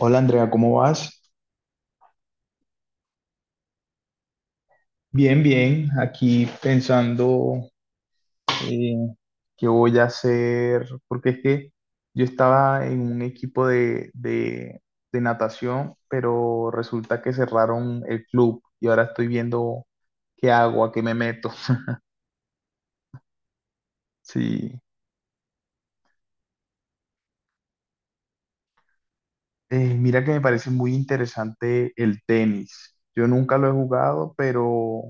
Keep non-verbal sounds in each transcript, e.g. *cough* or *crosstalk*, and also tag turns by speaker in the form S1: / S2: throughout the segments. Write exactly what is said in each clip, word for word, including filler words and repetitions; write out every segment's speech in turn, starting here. S1: Hola Andrea, ¿cómo vas? Bien, bien, aquí pensando, eh, qué voy a hacer, porque es que yo estaba en un equipo de, de, de natación, pero resulta que cerraron el club y ahora estoy viendo qué hago, a qué me meto. *laughs* Sí. Eh, mira que me parece muy interesante el tenis. Yo nunca lo he jugado, pero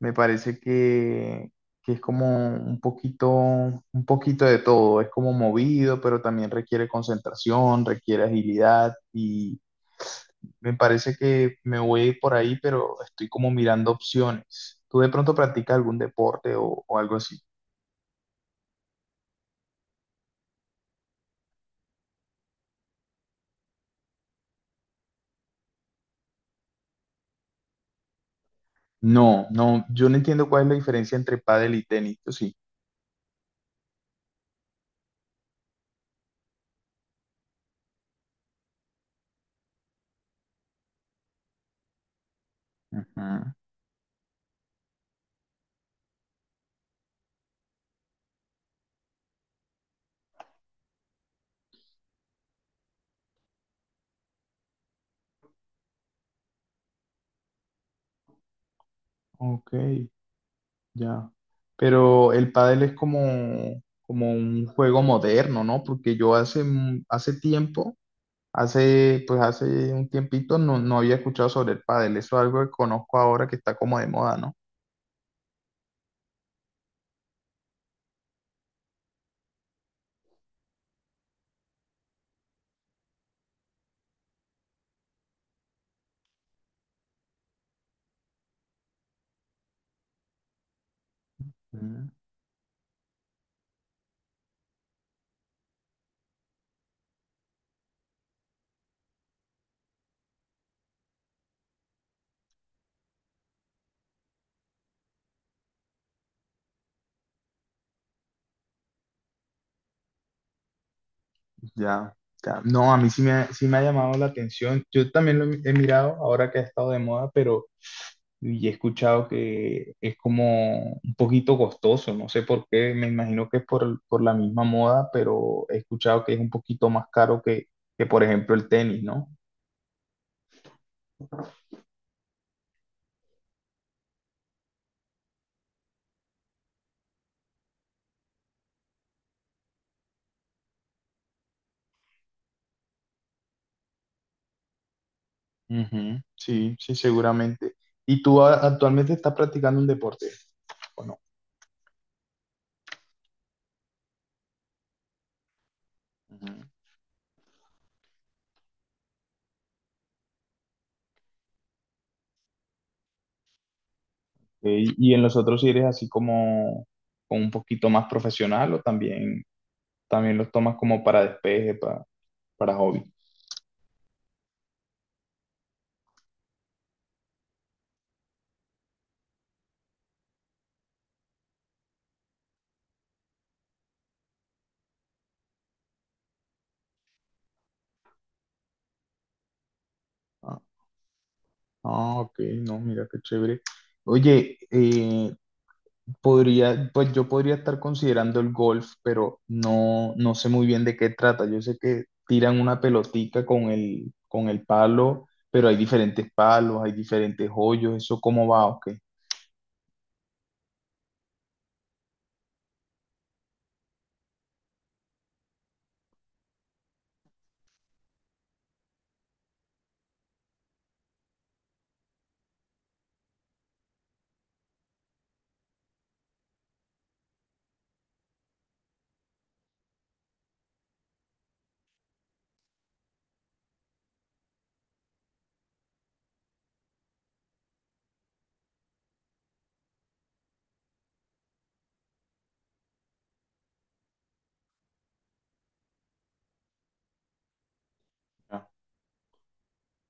S1: me parece que, que es como un poquito, un poquito de todo. Es como movido, pero también requiere concentración, requiere agilidad y me parece que me voy a ir por ahí, pero estoy como mirando opciones. ¿Tú de pronto practicas algún deporte o, o algo así? No, no, yo no entiendo cuál es la diferencia entre pádel y tenis, ¿o sí? Ujú. Ok, ya. Pero el pádel es como, como un juego moderno, ¿no? Porque yo hace, mu- hace tiempo. Hace, pues hace un tiempito no, no había escuchado sobre el pádel, eso es algo que conozco ahora que está como de moda, ¿no? Mm. Ya, ya. No, a mí sí me, ha- sí me ha llamado la atención. Yo también lo he mirado ahora que ha estado de moda, pero y he escuchado que es como un poquito costoso. No sé por qué, me imagino que es por, por la misma moda, pero he escuchado que es un poquito más caro que, que por ejemplo, el tenis, ¿no? Ujú, sí, sí, seguramente. ¿Y tú a- actualmente estás practicando un deporte? Ujú. ¿Ok? Y en los otros sí eres así como, como un poquito más profesional o también, también los tomas como para despeje, para, para hobby. Ah, ah, ok, no, mira qué chévere. Oye, eh, podría, pues yo podría estar considerando el golf, pero no, no sé muy bien de qué trata. Yo sé que tiran una pelotica con el, con el palo, pero hay diferentes palos, hay diferentes hoyos, ¿eso cómo va o qué?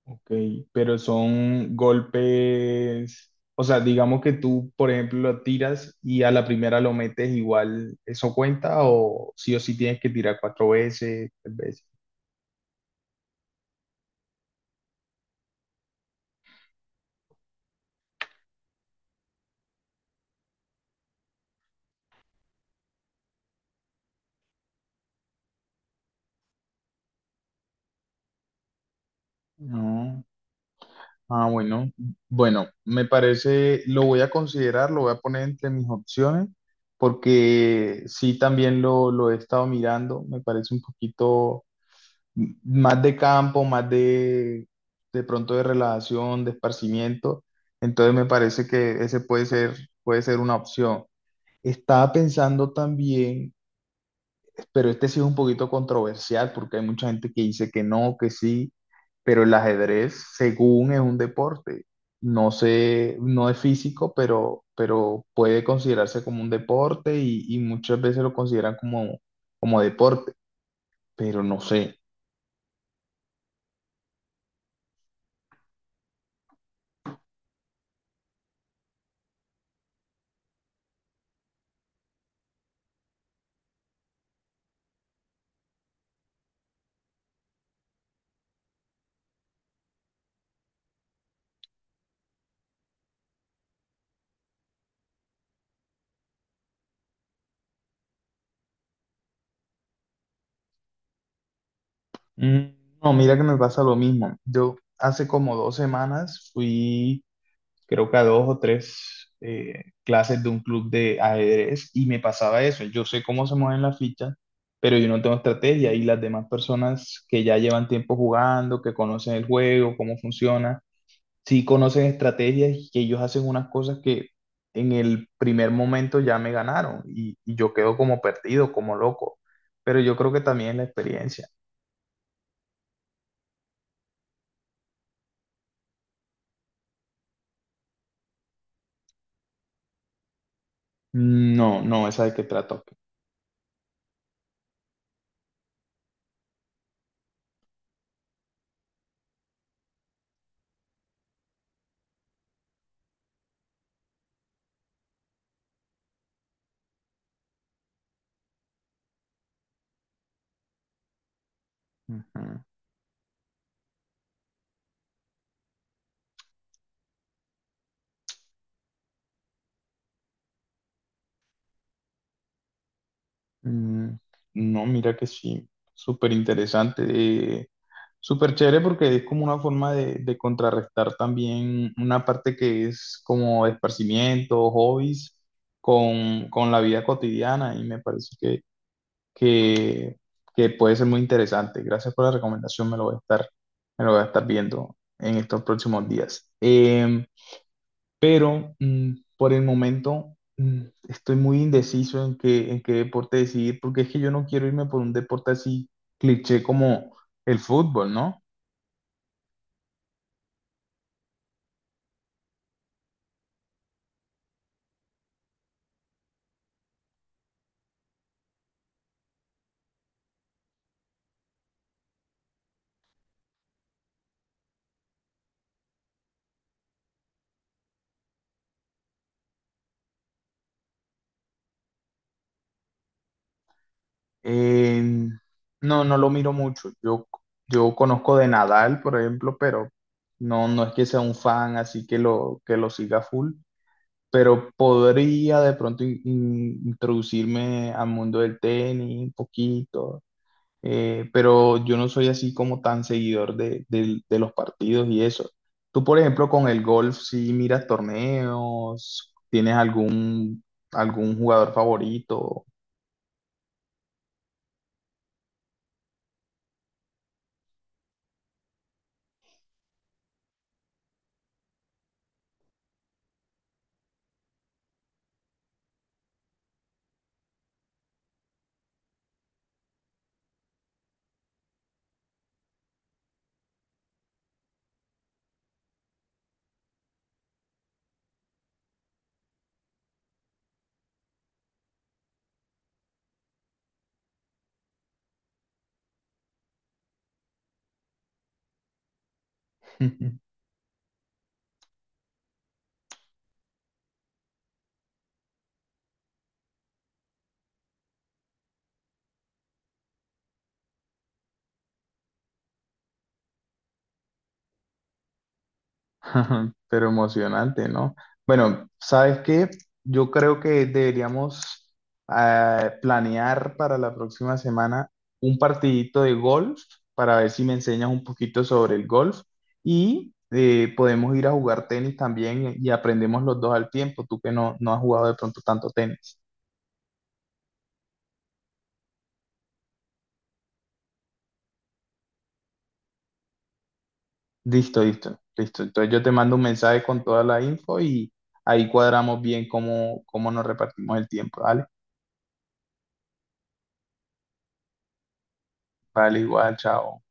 S1: Ok, pero son golpes, o sea, digamos que tú, por ejemplo, lo tiras y a la primera lo metes igual, ¿eso cuenta o sí o sí tienes que tirar cuatro veces, tres veces? No. Ah, bueno, bueno, me parece, lo voy a considerar, lo voy a poner entre mis opciones, porque sí también lo, lo he estado mirando, me parece un poquito m- más de campo, más de, de pronto de relajación, de esparcimiento. Entonces me parece que ese puede ser, puede ser una opción. Estaba pensando también, pero este sí es un poquito controversial porque hay mucha gente que dice que no, que sí, pero el ajedrez, según es un deporte, no sé, no es físico, pero, pero puede considerarse como un deporte y, y muchas veces lo consideran como, como deporte, pero no sé. Mm. No, mira que me pasa lo mismo. Yo hace como dos semanas fui, creo que a dos o tres eh, clases de un club de ajedrez y me pasaba eso. Yo sé cómo se mueven las fichas, pero yo no tengo estrategia y las demás personas que ya llevan tiempo jugando, que conocen el juego, cómo funciona, sí conocen estrategias y que ellos hacen unas cosas que en el primer momento ya me ganaron y, y yo quedo como perdido, como loco. Pero yo creo que también es la experiencia. Mm. No, no, esa de qué trata. Ok. Ujú. Mm. No, mira que sí, súper interesante, eh, súper chévere porque es como una forma de, de contrarrestar también una parte que es como esparcimiento, hobbies, con, con la vida cotidiana y me parece que, que, que puede ser muy interesante. Gracias por la recomendación, me lo voy a estar, me lo voy a estar viendo en estos próximos días. Em, Pero mm, por el momento mm, estoy muy indeciso en qué, en qué deporte decidir, porque es que yo no quiero irme por un deporte así cliché como el fútbol, ¿no? Eh, no, no lo miro mucho. Yo, yo conozco de Nadal, por ejemplo, pero no, no es que sea un fan, así que lo, que lo siga full. Pero podría de pronto in- in- introducirme al mundo del tenis un poquito, eh, pero yo no soy así como tan seguidor de, del- de los partidos y eso. Tú, por ejemplo, con el golf, si miras torneos, ¿tienes algún, algún jugador favorito? *laughs* *laughs* Pero emocionante, ¿no? Bueno, ¿sabes qué? Yo creo que deberíamos eh, planear para la próxima semana un partidito de golf para ver si me enseñas un poquito sobre el golf y eh, podemos ir a jugar tenis también y aprendemos los dos al tiempo, tú que no, no has jugado de pronto tanto tenis. Listo, listo, listo. Entonces yo te mando un mensaje con toda la info y ahí cuadramos bien cómo, cómo nos repartimos el tiempo, ¿vale? Vale, igual, chao.